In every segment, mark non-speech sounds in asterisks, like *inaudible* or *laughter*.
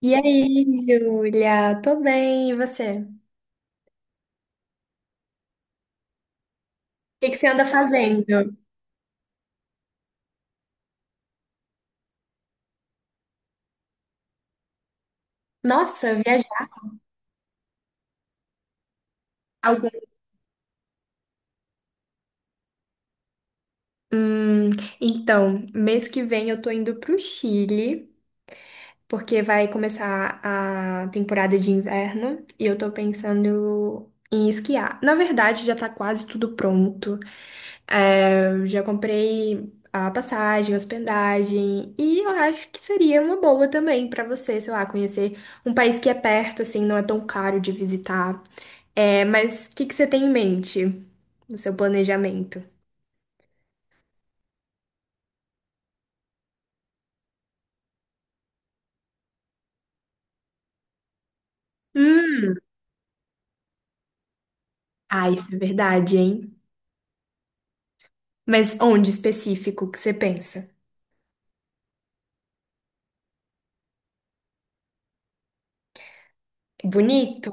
E aí, Júlia? Tô bem, e você? O que que você anda fazendo? Nossa, viajar algum... Hum, então, mês que vem eu tô indo pro Chile, porque vai começar a temporada de inverno e eu tô pensando em esquiar. Na verdade, já tá quase tudo pronto. É, eu já comprei a passagem, a hospedagem e eu acho que seria uma boa também pra você, sei lá, conhecer um país que é perto, assim, não é tão caro de visitar. É, mas o que que você tem em mente no seu planejamento? Hum, ah, isso é verdade, hein? Mas onde específico que você pensa? É Bonito?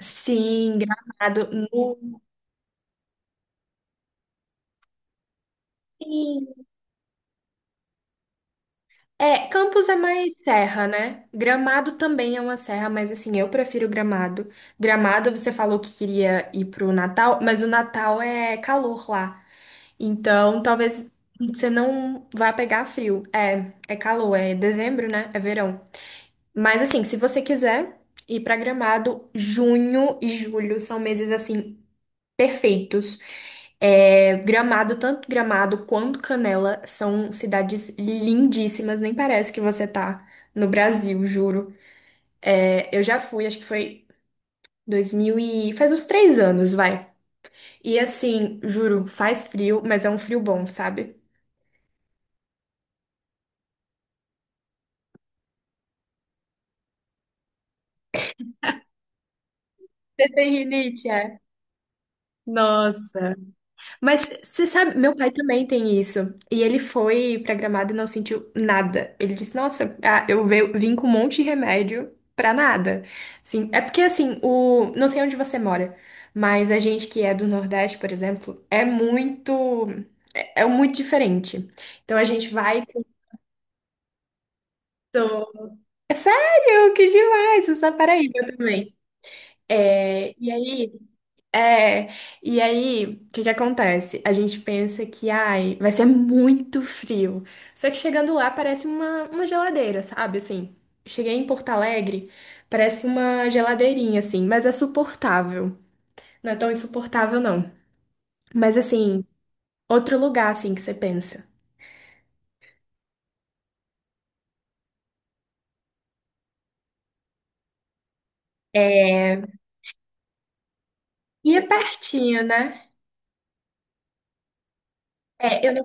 Sim, Gramado. Sim. É, Campos é mais serra, né? Gramado também é uma serra, mas assim, eu prefiro Gramado. Gramado, você falou que queria ir pro Natal, mas o Natal é calor lá. Então, talvez você não vá pegar frio. É, é calor, é dezembro, né? É verão. Mas assim, se você quiser ir pra Gramado, junho e julho são meses assim perfeitos. É, Gramado, tanto Gramado quanto Canela são cidades lindíssimas, nem parece que você tá no Brasil, juro. É, eu já fui, acho que foi 2000 e faz uns 3 anos, vai. E assim, juro, faz frio, mas é um frio bom, sabe? Você tem rinite, é? Nossa. Mas você sabe, meu pai também tem isso. E ele foi pra Gramado e não sentiu nada. Ele disse: Nossa, ah, eu vim com um monte de remédio pra nada. Assim, é porque assim, não sei onde você mora, mas a gente que é do Nordeste, por exemplo, é muito. É muito diferente. Então a gente vai. É sério, que demais! Isso na Paraíba também. É, e aí. É, e aí, o que que acontece? A gente pensa que, ai, vai ser muito frio. Só que chegando lá parece uma geladeira, sabe? Assim, cheguei em Porto Alegre, parece uma geladeirinha, assim, mas é suportável. Não é tão insuportável, não. Mas, assim, outro lugar, assim, que você pensa. E é pertinho, né? É, eu não...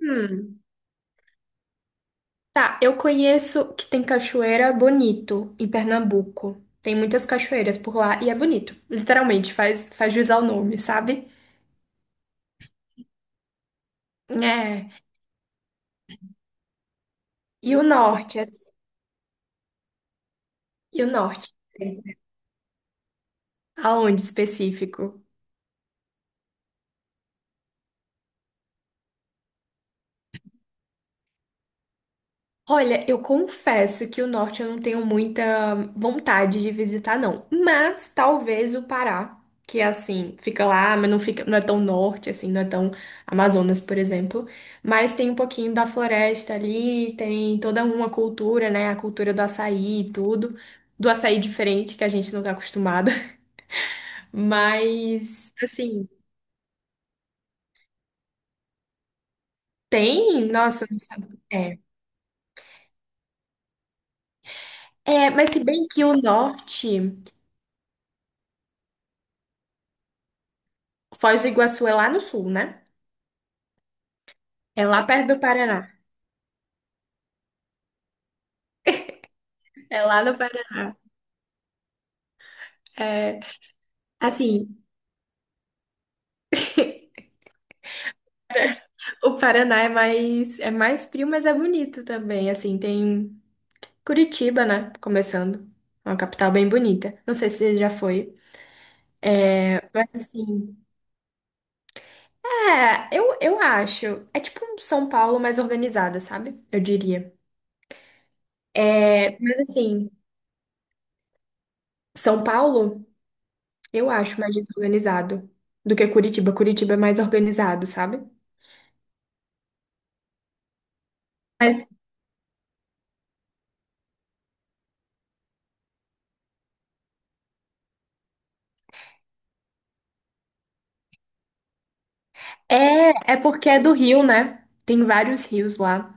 Hum. Tá, eu conheço que tem cachoeira Bonito, em Pernambuco. Tem muitas cachoeiras por lá e é bonito. Literalmente, faz jus ao nome, sabe? É. E o norte, assim, e o norte? Aonde específico? Olha, eu confesso que o norte eu não tenho muita vontade de visitar, não. Mas talvez o Pará, que é assim, fica lá, mas não fica, não é tão norte, assim, não é tão Amazonas, por exemplo. Mas tem um pouquinho da floresta ali, tem toda uma cultura, né? A cultura do açaí e tudo. Do açaí diferente, que a gente não tá acostumado. *laughs* Mas, assim, tem, nossa, eu não sabe. É. É, mas se bem que o norte, Foz do Iguaçu é lá no sul, né? É lá perto do Paraná. É lá no Paraná. É, assim, o Paraná é mais frio, mas é bonito também. Assim, tem Curitiba, né? Começando. É uma capital bem bonita. Não sei se você já foi. Mas assim, é, eu acho. É tipo um São Paulo mais organizada, sabe? Eu diria. É, mas assim, São Paulo, eu acho mais desorganizado do que Curitiba. Curitiba é mais organizado, sabe? Mas é, é porque é do Rio, né? Tem vários rios lá.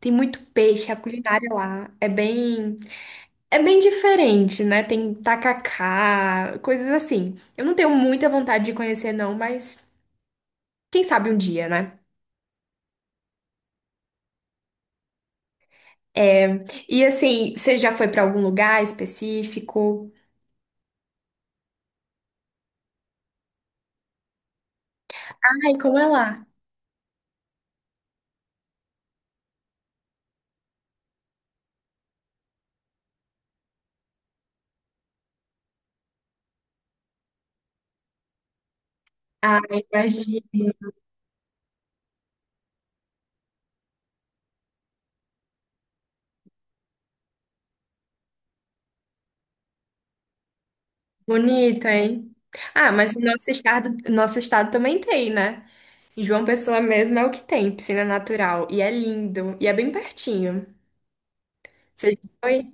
Tem muito peixe, a culinária lá é bem diferente, né? Tem tacacá, coisas assim. Eu não tenho muita vontade de conhecer não, mas quem sabe um dia, né? É, e assim, você já foi pra algum lugar específico? Ai, como é lá? Ah, imagina. Bonito, hein? Ah, mas o nosso estado também tem, né? Em João Pessoa mesmo é o que tem, piscina natural. E é lindo. E é bem pertinho. Você já foi?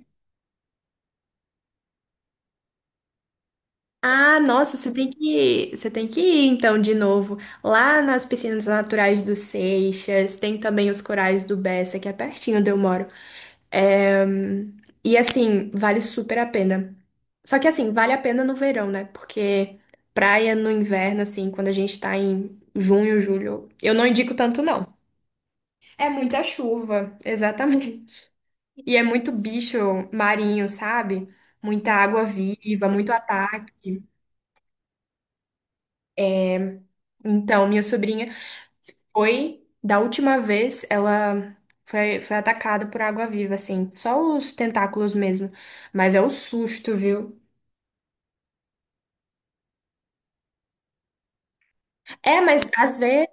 Ah, nossa, você tem que ir então de novo. Lá nas piscinas naturais do Seixas, tem também os corais do Bessa, que é pertinho onde eu moro. É, e assim, vale super a pena. Só que assim, vale a pena no verão, né? Porque praia no inverno, assim, quando a gente tá em junho, julho, eu não indico tanto, não. É muita chuva, *laughs* exatamente. E é muito bicho marinho, sabe? Muita água viva, muito ataque. Então, minha sobrinha da última vez, ela foi atacada por água-viva, assim. Só os tentáculos mesmo. Mas é o susto, viu? É, mas às vezes.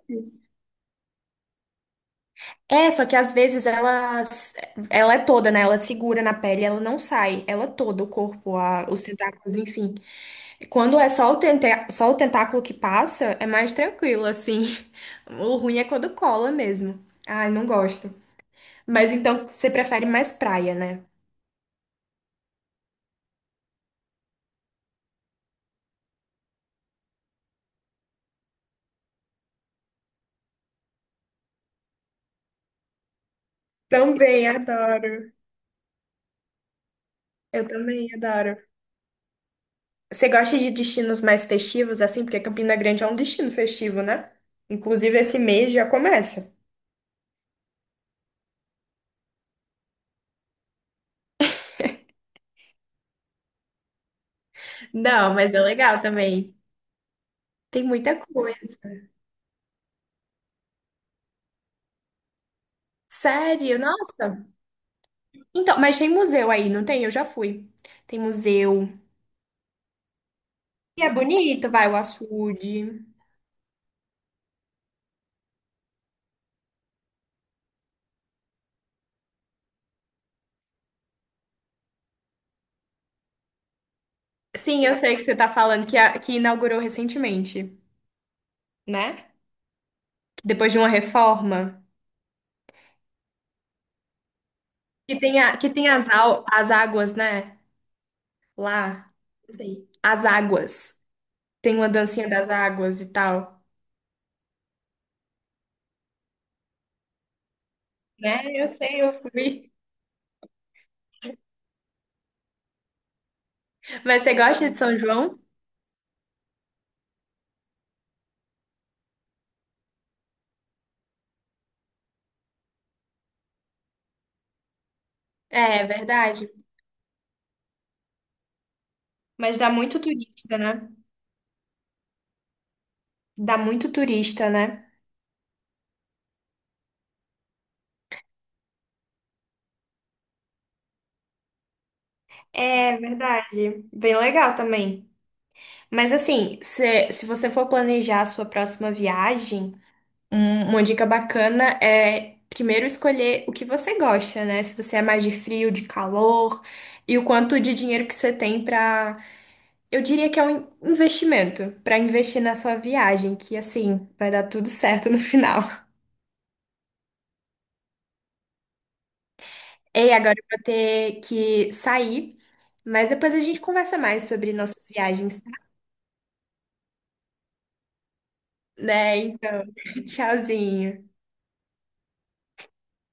É, só que às vezes ela é toda, né? Ela segura na pele, ela não sai. Ela é toda, o corpo, os tentáculos, enfim. Quando é só o tentáculo que passa, é mais tranquilo, assim. *laughs* O ruim é quando cola mesmo. Ai, não gosto. Mas então você prefere mais praia, né? Também adoro. Eu também adoro. Você gosta de destinos mais festivos, assim? Porque Campina Grande é um destino festivo, né? Inclusive, esse mês já começa. Não, mas é legal também. Tem muita coisa. Sério? Nossa. Então, mas tem museu aí, não tem? Eu já fui. Tem museu. E é bonito, vai, o açude. Sim, eu sei que você tá falando que, que inaugurou recentemente, né? Depois de uma reforma. Que tem, que tem as, as águas, né? Lá. Sei. As águas. Tem uma dancinha das águas e tal. Né? Eu sei, eu fui. Mas você gosta de São João? É, verdade. Mas dá muito turista, né? Dá muito turista, né? É verdade. Bem legal também. Mas assim, se você for planejar a sua próxima viagem, uma dica bacana é primeiro escolher o que você gosta, né? Se você é mais de frio, de calor, e o quanto de dinheiro que você tem para. Eu diria que é um investimento para investir na sua viagem, que assim vai dar tudo certo no final. *laughs* Ei, agora eu vou ter que sair, mas depois a gente conversa mais sobre nossas viagens, tá? Né? Então, *laughs* tchauzinho.